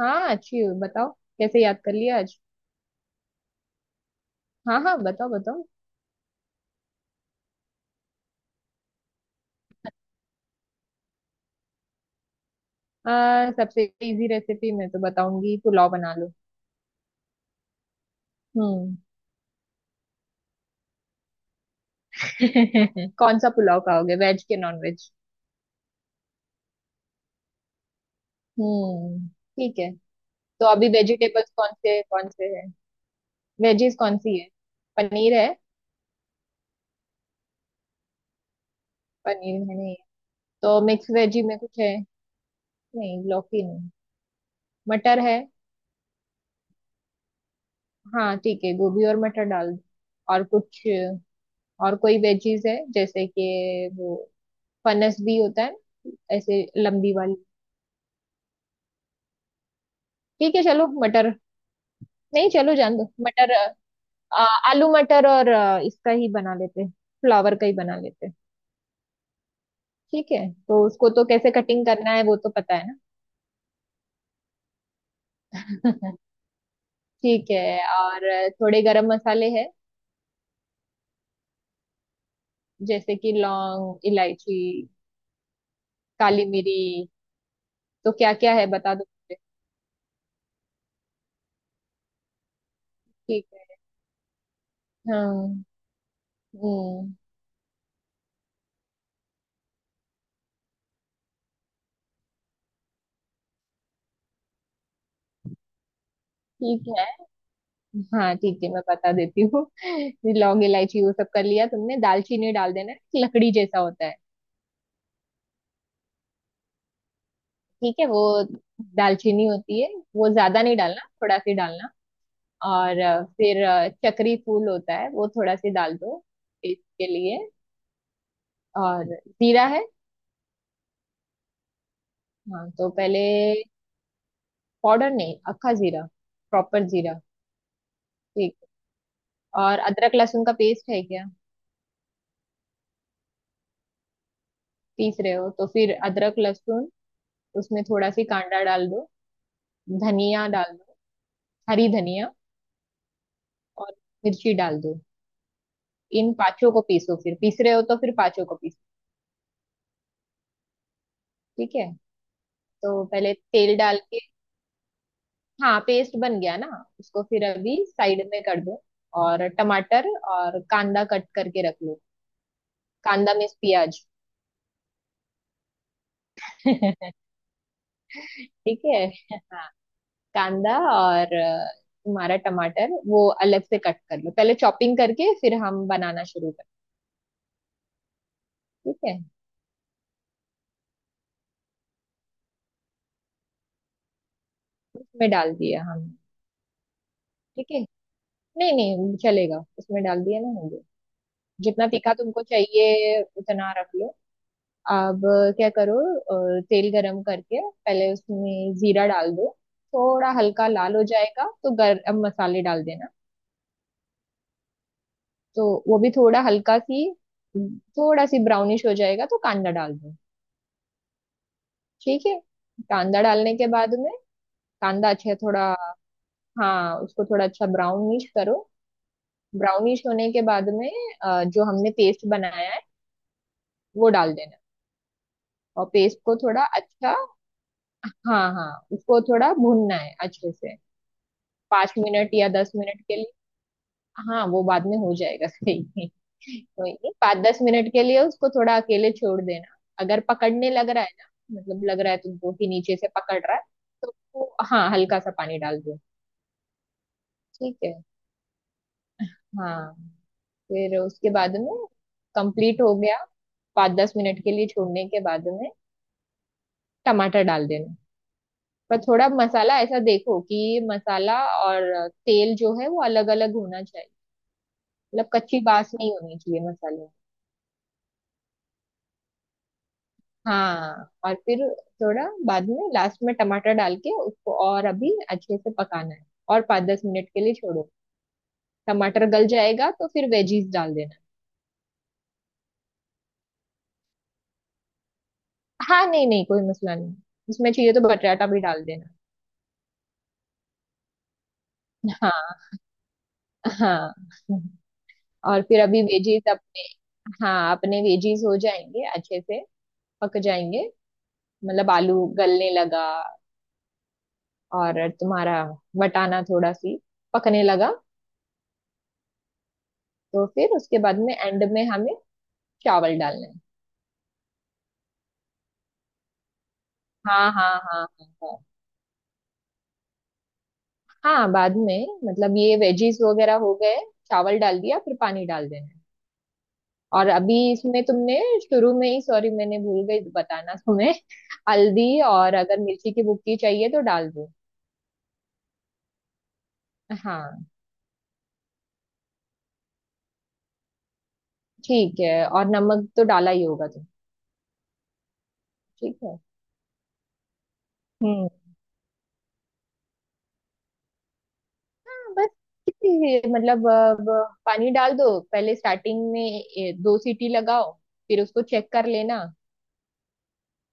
हाँ, अच्छी हूँ। बताओ कैसे याद कर लिया आज? हाँ हाँ, बताओ बताओ। सबसे इजी रेसिपी मैं तो बताऊंगी, पुलाव बना लो। हम्म। कौन सा पुलाव खाओगे, वेज के नॉन वेज? हम्म। ठीक है। तो अभी वेजिटेबल्स कौन से है? वेजीज कौन सी है? पनीर है? पनीर है नहीं? तो मिक्स वेजी में कुछ है? नहीं, लौकी नहीं। मटर है? हाँ ठीक है, गोभी और मटर डाल दो। और कुछ? और कोई वेजीज है जैसे कि वो फनस भी होता है ना, ऐसे लंबी वाली। ठीक है चलो, मटर। नहीं चलो जान दो, मटर। आ, आलू मटर और इसका ही बना लेते हैं। फ्लावर का ही बना लेते हैं। ठीक है। तो उसको तो कैसे कटिंग करना है वो तो पता है ना? ठीक है। और थोड़े गरम मसाले हैं? जैसे कि लौंग इलायची, काली मिरी। तो क्या क्या है बता दो मुझे। ठीक है। हाँ। हम्म। ठीक है। हाँ ठीक है, मैं बता देती हूँ। ये लौंग इलायची वो सब कर लिया तुमने, दालचीनी डाल देना, लकड़ी जैसा होता है। ठीक है, वो दालचीनी होती है। वो ज्यादा नहीं डालना, थोड़ा सी डालना। और फिर चक्री फूल होता है वो थोड़ा सी डाल दो। टेस्ट के लिए। और जीरा है? हाँ तो पहले, पाउडर नहीं, अक्खा जीरा। प्रॉपर जीरा। ठीक। और अदरक लहसुन का पेस्ट है क्या? पीस रहे हो तो फिर अदरक लहसुन। उसमें थोड़ा सी कांदा डाल दो। धनिया डाल दो। हरी धनिया। और मिर्ची डाल दो। इन पांचों को पीसो, फिर पीस रहे हो तो फिर पांचों को पीसो। ठीक है। तो पहले तेल डाल के। हाँ, पेस्ट बन गया ना। उसको फिर अभी साइड में कर दो। और टमाटर। और कांदा कट करके रख लो। कांदा मीन्स प्याज। ठीक है। हाँ। कांदा और तुम्हारा टमाटर वो अलग से कट कर लो पहले चॉपिंग करके, फिर हम बनाना शुरू कर। ठीक है। उसमें डाल दिया हम। ठीक है। नहीं नहीं, चलेगा, उसमें डाल दिया ना हमने। जितना तीखा तुमको चाहिए उतना रख लो। अब क्या करो। तेल गरम करके पहले उसमें जीरा डाल दो। थोड़ा हल्का लाल हो जाएगा तो गरम मसाले डाल देना। तो वो भी थोड़ा हल्का सी, थोड़ा सी ब्राउनिश हो जाएगा तो कांदा डाल दो। ठीक है। कांदा डालने के बाद में, कांदा अच्छा थोड़ा, हाँ उसको थोड़ा अच्छा ब्राउनिश करो। ब्राउनिश होने के बाद में, जो हमने पेस्ट बनाया है वो डाल देना। और पेस्ट को थोड़ा अच्छा, हाँ हाँ, उसको थोड़ा भूनना है अच्छे से। 5 मिनट या 10 मिनट के लिए। हाँ, वो बाद में हो जाएगा। सही। कोई नहीं, 5 10 मिनट के लिए उसको थोड़ा अकेले छोड़ देना। अगर पकड़ने लग रहा है, ना मतलब लग रहा है तुमको कि नीचे से पकड़ रहा है, तो उसको, हाँ, हल्का सा पानी डाल दो। ठीक है। हाँ। फिर उसके बाद में, कंप्लीट हो गया, 5 10 मिनट के लिए छोड़ने के बाद में टमाटर डाल देना। पर थोड़ा मसाला ऐसा देखो कि मसाला और तेल जो है वो अलग अलग होना चाहिए। मतलब कच्ची बास नहीं होनी चाहिए मसाले में। हाँ और फिर थोड़ा बाद में लास्ट में टमाटर डाल के उसको और अभी अच्छे से पकाना है। और 5 10 मिनट के लिए छोड़ो। टमाटर गल जाएगा तो फिर वेजीज डाल देना। हाँ, नहीं नहीं कोई मसला नहीं। उसमें चाहिए तो बटाटा भी डाल देना। हाँ हाँ। और फिर अभी वेजीज अपने, हाँ अपने वेजीज हो जाएंगे अच्छे से, पक जाएंगे। मतलब आलू गलने लगा और तुम्हारा वटाना थोड़ा सी पकने लगा, तो फिर उसके बाद में एंड में हमें चावल डालना है। हाँ हाँ हाँ हाँ हाँ। हाँ, बाद में मतलब ये वेजीज वगैरह हो गए, चावल डाल दिया फिर पानी डाल देना है। और अभी इसमें तुमने शुरू में ही, सॉरी, मैंने भूल गई बताना तुम्हें, हल्दी और अगर मिर्ची की भुक्की चाहिए तो डाल दो। हाँ ठीक है, और नमक तो डाला ही होगा तुम। ठीक है। हम्म। हाँ, बस इतनी ही, मतलब अब पानी डाल दो पहले स्टार्टिंग में, दो सीटी लगाओ। फिर उसको चेक कर लेना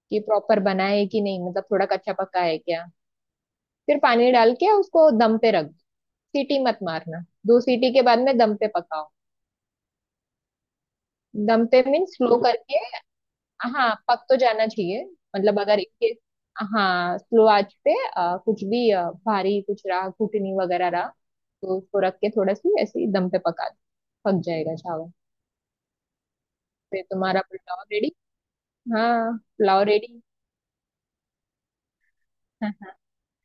कि प्रॉपर बना है कि नहीं, मतलब थोड़ा कच्चा पक्का है क्या। फिर पानी डाल के उसको दम पे रख दो। सीटी मत मारना। दो सीटी के बाद में दम पे पकाओ। दम पे मीन स्लो करके। हाँ, पक तो जाना चाहिए। मतलब अगर इनके, हाँ स्लो आंच पे कुछ भी भारी कुछ रहा कुटनी वगैरह रहा, तो उसको रख के थोड़ा सी ऐसे ही दम पे पका दो। पक जाएगा चावल। फिर तुम्हारा पुलाव रेडी। हाँ, पुलाव रेडी।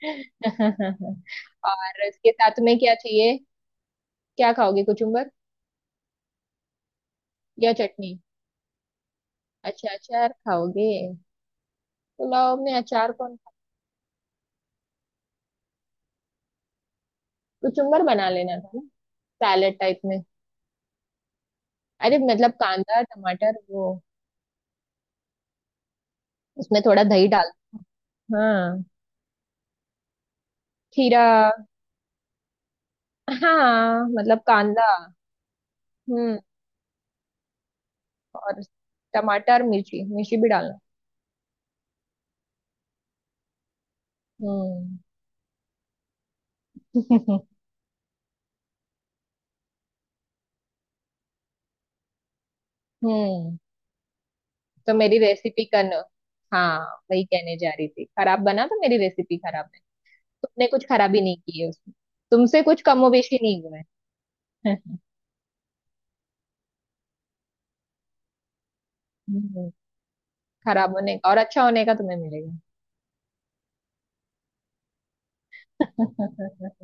और इसके साथ में क्या चाहिए? क्या खाओगे, कुचुम्बर या चटनी? अच्छा, अचार खाओगे? पुलाव में अचार कौन कुचुम्बर बना लेना था ना, सैलेड टाइप में। अरे मतलब कांदा टमाटर वो, उसमें थोड़ा दही डाल। हाँ, खीरा। हाँ मतलब कांदा। हम्म। और टमाटर मिर्ची, मिर्ची भी डालना। हम्म। हम्म। तो मेरी रेसिपी करना। हाँ, वही कहने जा रही थी, खराब बना तो मेरी रेसिपी खराब है। तुमने कुछ खराबी नहीं की है उसमें। तुमसे कुछ कमोबेशी नहीं हुआ है। खराब होने का और अच्छा होने का तुम्हें मिलेगा।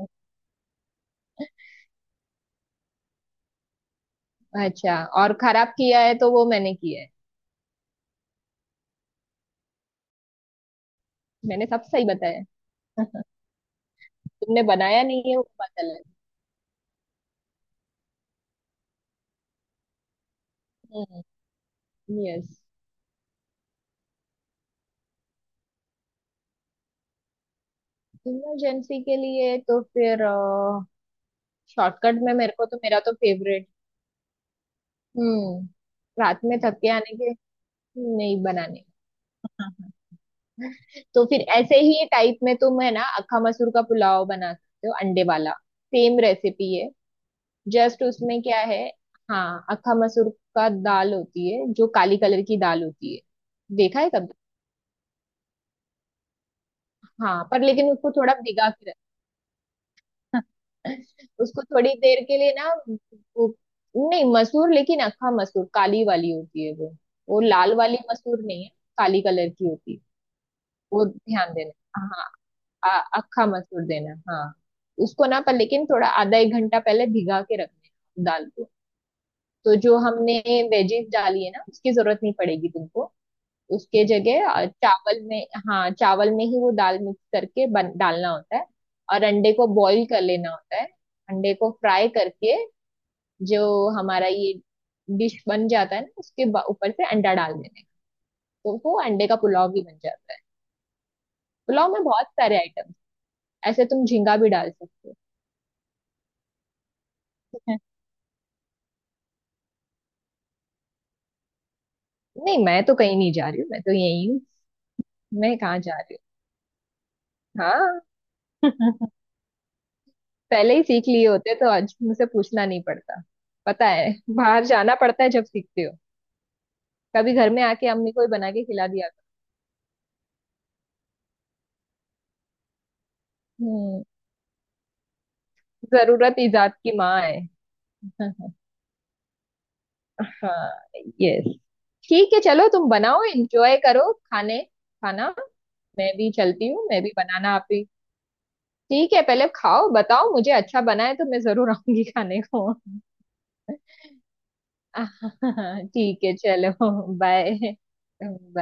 अच्छा, और खराब किया है तो वो मैंने किया है। मैंने सब सही बताया। तुमने बनाया नहीं है वो पता चला। यस। इमरजेंसी के लिए तो फिर शॉर्टकट में मेरे को तो, मेरा तो फेवरेट। हम्म। रात में थक के आने के, नहीं बनाने का। हाँ, तो फिर ऐसे ही टाइप में तुम है ना, अक्खा मसूर का पुलाव बना सकते हो अंडे वाला। सेम रेसिपी है। जस्ट उसमें क्या है, हाँ, अक्खा मसूर का दाल होती है, जो काली कलर की दाल होती है। देखा है कभी? हाँ, पर लेकिन उसको थोड़ा भिगा के रख। उसको थोड़ी देर के लिए ना, वो, नहीं, मसूर लेकिन अक्खा मसूर काली वाली होती है वो। वो लाल वाली मसूर नहीं है, काली कलर की होती है। वो ध्यान देना, हाँ। अक्खा मसूर देना, हाँ। उसको ना, पर लेकिन थोड़ा आधा एक घंटा पहले भिगा के रखना है दाल को। तो जो हमने वेजीज डाली है ना उसकी जरूरत नहीं पड़ेगी तुमको। उसके जगह चावल में, हाँ चावल में ही वो दाल मिक्स करके डालना होता है। और अंडे को बॉईल कर लेना होता है। अंडे को फ्राई करके जो हमारा ये डिश बन जाता है ना, ऊपर से अंडा डाल देना है। तो वो अंडे का पुलाव भी बन जाता है। पुलाव में बहुत सारे आइटम, ऐसे तुम झींगा भी डाल सकते हो। नहीं, मैं तो कहीं नहीं जा रही हूँ, मैं तो यही हूँ। मैं कहाँ जा रही हूँ? हाँ। पहले ही सीख लिए होते तो आज मुझसे पूछना नहीं पड़ता। पता है बाहर जाना पड़ता है जब सीखते हो। कभी घर में आके अम्मी को ही बना के खिला दिया करो। हम्म। जरूरत इजाद की माँ है। हाँ। यस। ठीक है चलो तुम बनाओ, एंजॉय करो खाने खाना। मैं भी चलती हूँ, मैं भी बनाना आप भी। ठीक है, पहले खाओ बताओ मुझे अच्छा बना है तो मैं जरूर आऊंगी खाने को। ठीक है चलो। बाय। बाय।